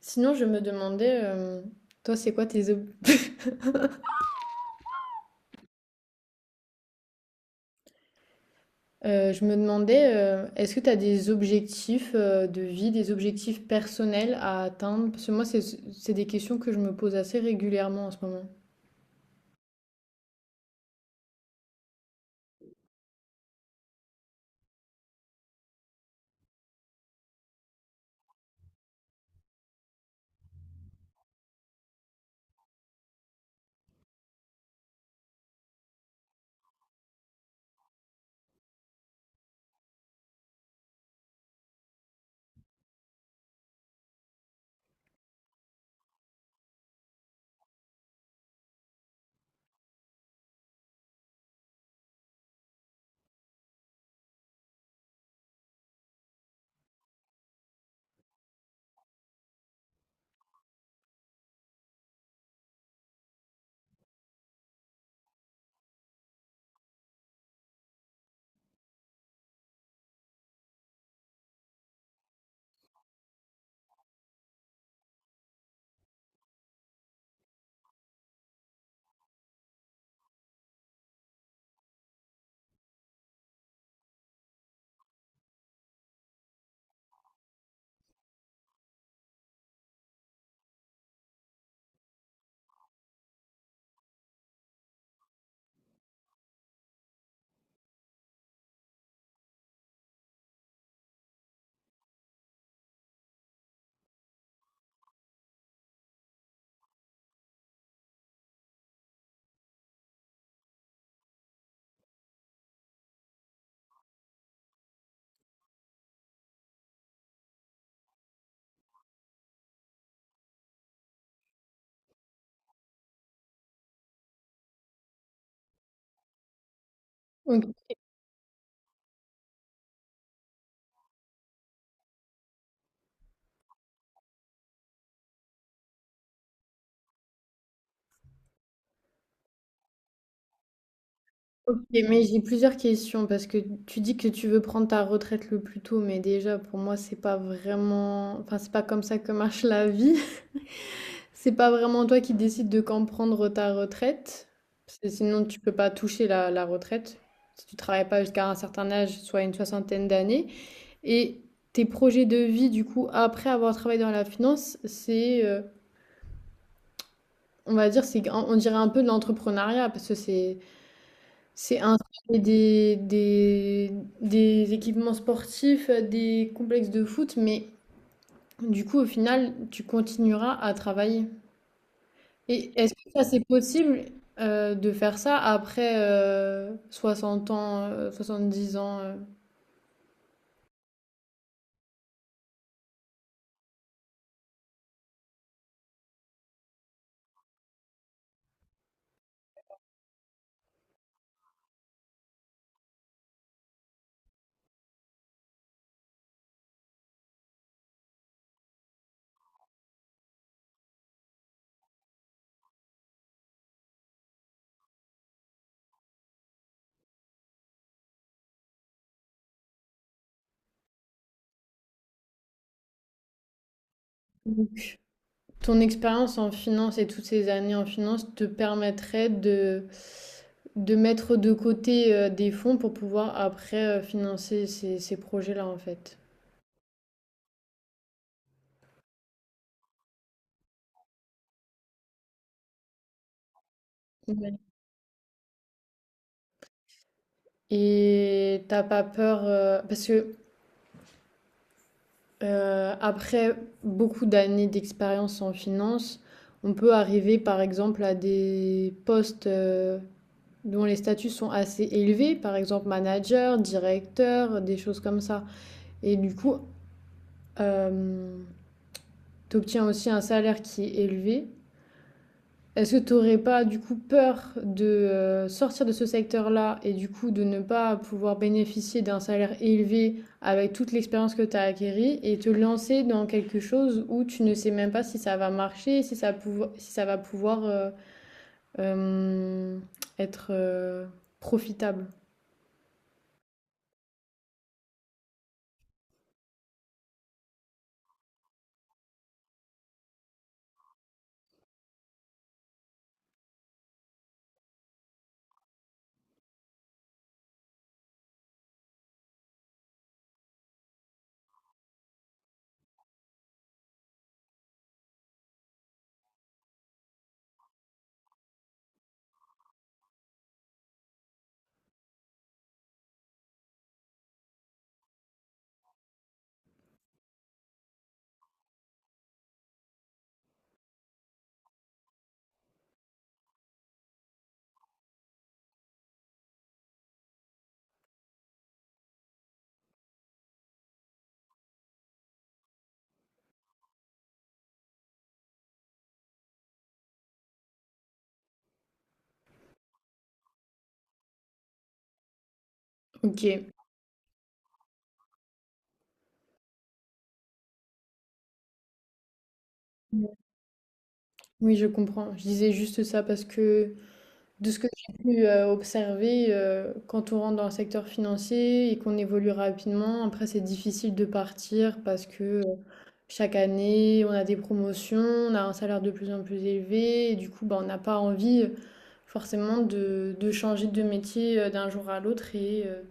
Sinon, je me demandais, toi, c'est quoi tes Je me demandais, est-ce que tu as des objectifs de vie, des objectifs personnels à atteindre? Parce que moi, c'est des questions que je me pose assez régulièrement en ce moment. Ok, ok, mais j'ai plusieurs questions parce que tu dis que tu veux prendre ta retraite le plus tôt, mais déjà, pour moi, c'est pas vraiment, enfin, c'est pas comme ça que marche la vie. C'est pas vraiment toi qui décides de quand prendre ta retraite, parce que sinon tu peux pas toucher la retraite si tu travailles pas jusqu'à un certain âge, soit une soixantaine d'années. Et tes projets de vie, du coup, après avoir travaillé dans la finance, c'est, on va dire, c'est, on dirait un peu de l'entrepreneuriat, parce que c'est installer des équipements sportifs, des complexes de foot, mais du coup, au final, tu continueras à travailler. Et est-ce que ça c'est possible de faire ça après 60 ans, 70 ans. Donc, ton expérience en finance et toutes ces années en finance te permettraient de mettre de côté des fonds pour pouvoir après financer ces projets-là en fait. Ouais. Et t'as pas peur, parce que après beaucoup d'années d'expérience en finance, on peut arriver par exemple à des postes dont les statuts sont assez élevés, par exemple manager, directeur, des choses comme ça. Et du coup, euh, tu obtiens aussi un salaire qui est élevé. Est-ce que tu n'aurais pas du coup peur de sortir de ce secteur-là et du coup de ne pas pouvoir bénéficier d'un salaire élevé avec toute l'expérience que tu as acquérie et te lancer dans quelque chose où tu ne sais même pas si ça va marcher, si ça va pouvoir euh, être profitable? Ok. Oui, je comprends. Je disais juste ça parce que de ce que j'ai pu observer, quand on rentre dans le secteur financier et qu'on évolue rapidement, après c'est difficile de partir parce que chaque année on a des promotions, on a un salaire de plus en plus élevé et du coup bah, on n'a pas envie forcément de changer de métier d'un jour à l'autre et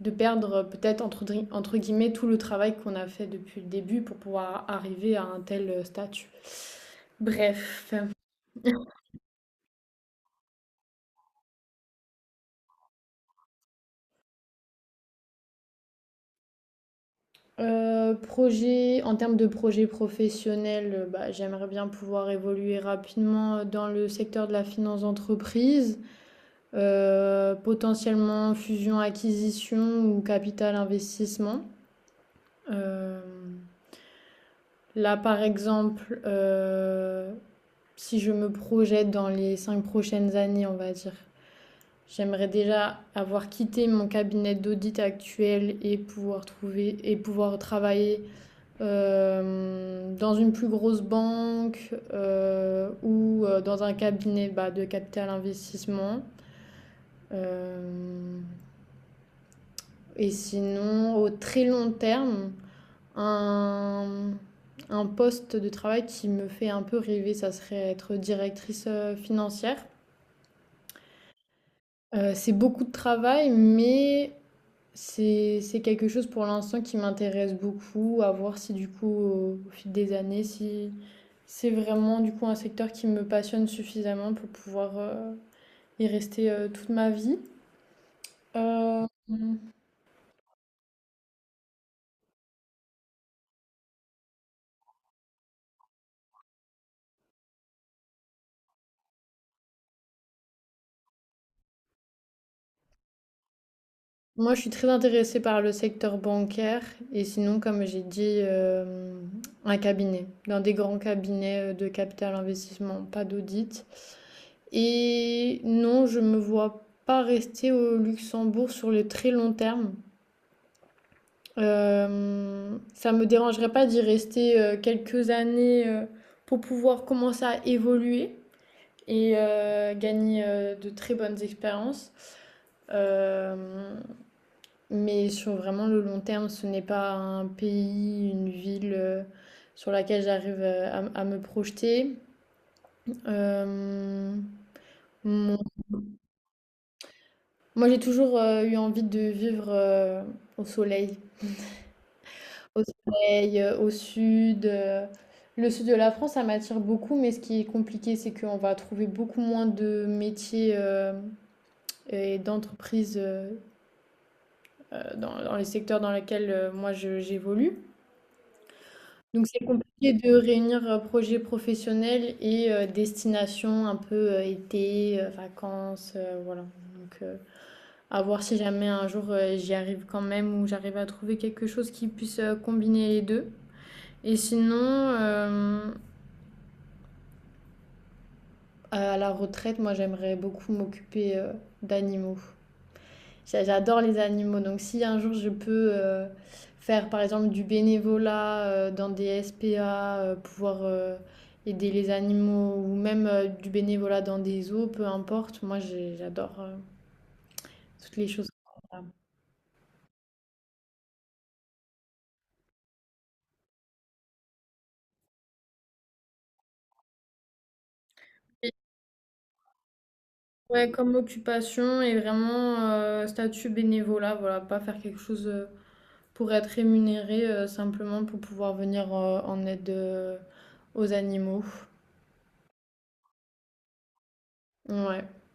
de perdre peut-être entre guillemets tout le travail qu'on a fait depuis le début pour pouvoir arriver à un tel statut. Bref. En termes de projet professionnel, bah, j'aimerais bien pouvoir évoluer rapidement dans le secteur de la finance d'entreprise, potentiellement fusion-acquisition ou capital investissement. Euh, Là, par exemple, si je me projette dans les 5 prochaines années, on va dire, j'aimerais déjà avoir quitté mon cabinet d'audit actuel et pouvoir travailler dans une plus grosse banque ou dans un cabinet bah, de capital investissement. Euh, et sinon, au très long terme, un, un poste de travail qui me fait un peu rêver, ça serait être directrice financière. C'est beaucoup de travail, mais c'est quelque chose pour l'instant qui m'intéresse beaucoup, à voir si du coup au fil des années, si c'est vraiment du coup un secteur qui me passionne suffisamment pour pouvoir y rester toute ma vie. Euh, moi, je suis très intéressée par le secteur bancaire et sinon, comme j'ai dit, dans des grands cabinets de capital investissement, pas d'audit. Et non, je me vois pas rester au Luxembourg sur le très long terme. Ça me dérangerait pas d'y rester quelques années pour pouvoir commencer à évoluer et gagner de très bonnes expériences. Euh, mais sur vraiment le long terme, ce n'est pas un pays, une ville sur laquelle j'arrive à me projeter. Euh, mon- Moi, j'ai toujours eu envie de vivre au soleil. Au soleil, au sud, le sud de la France, ça m'attire beaucoup, mais ce qui est compliqué, c'est qu'on va trouver beaucoup moins de métiers, hem et d'entreprises, dans les secteurs dans lesquels, moi je j'évolue. Donc c'est compliqué de réunir, projet professionnel et destination un peu, été, vacances, voilà. Donc à voir si jamais un jour, j'y arrive quand même ou j'arrive à trouver quelque chose qui puisse, combiner les 2 et sinon, euh, à la retraite, moi, j'aimerais beaucoup m'occuper d'animaux. J'adore les animaux, donc si un jour je peux faire par exemple du bénévolat dans des SPA, pouvoir aider les animaux ou même du bénévolat dans des zoos, peu importe, moi j'adore toutes les choses comme ça. Et, ouais, comme occupation et vraiment statut bénévolat, voilà, pas faire quelque chose pour être rémunérée simplement pour pouvoir venir en aide aux animaux. Ouais.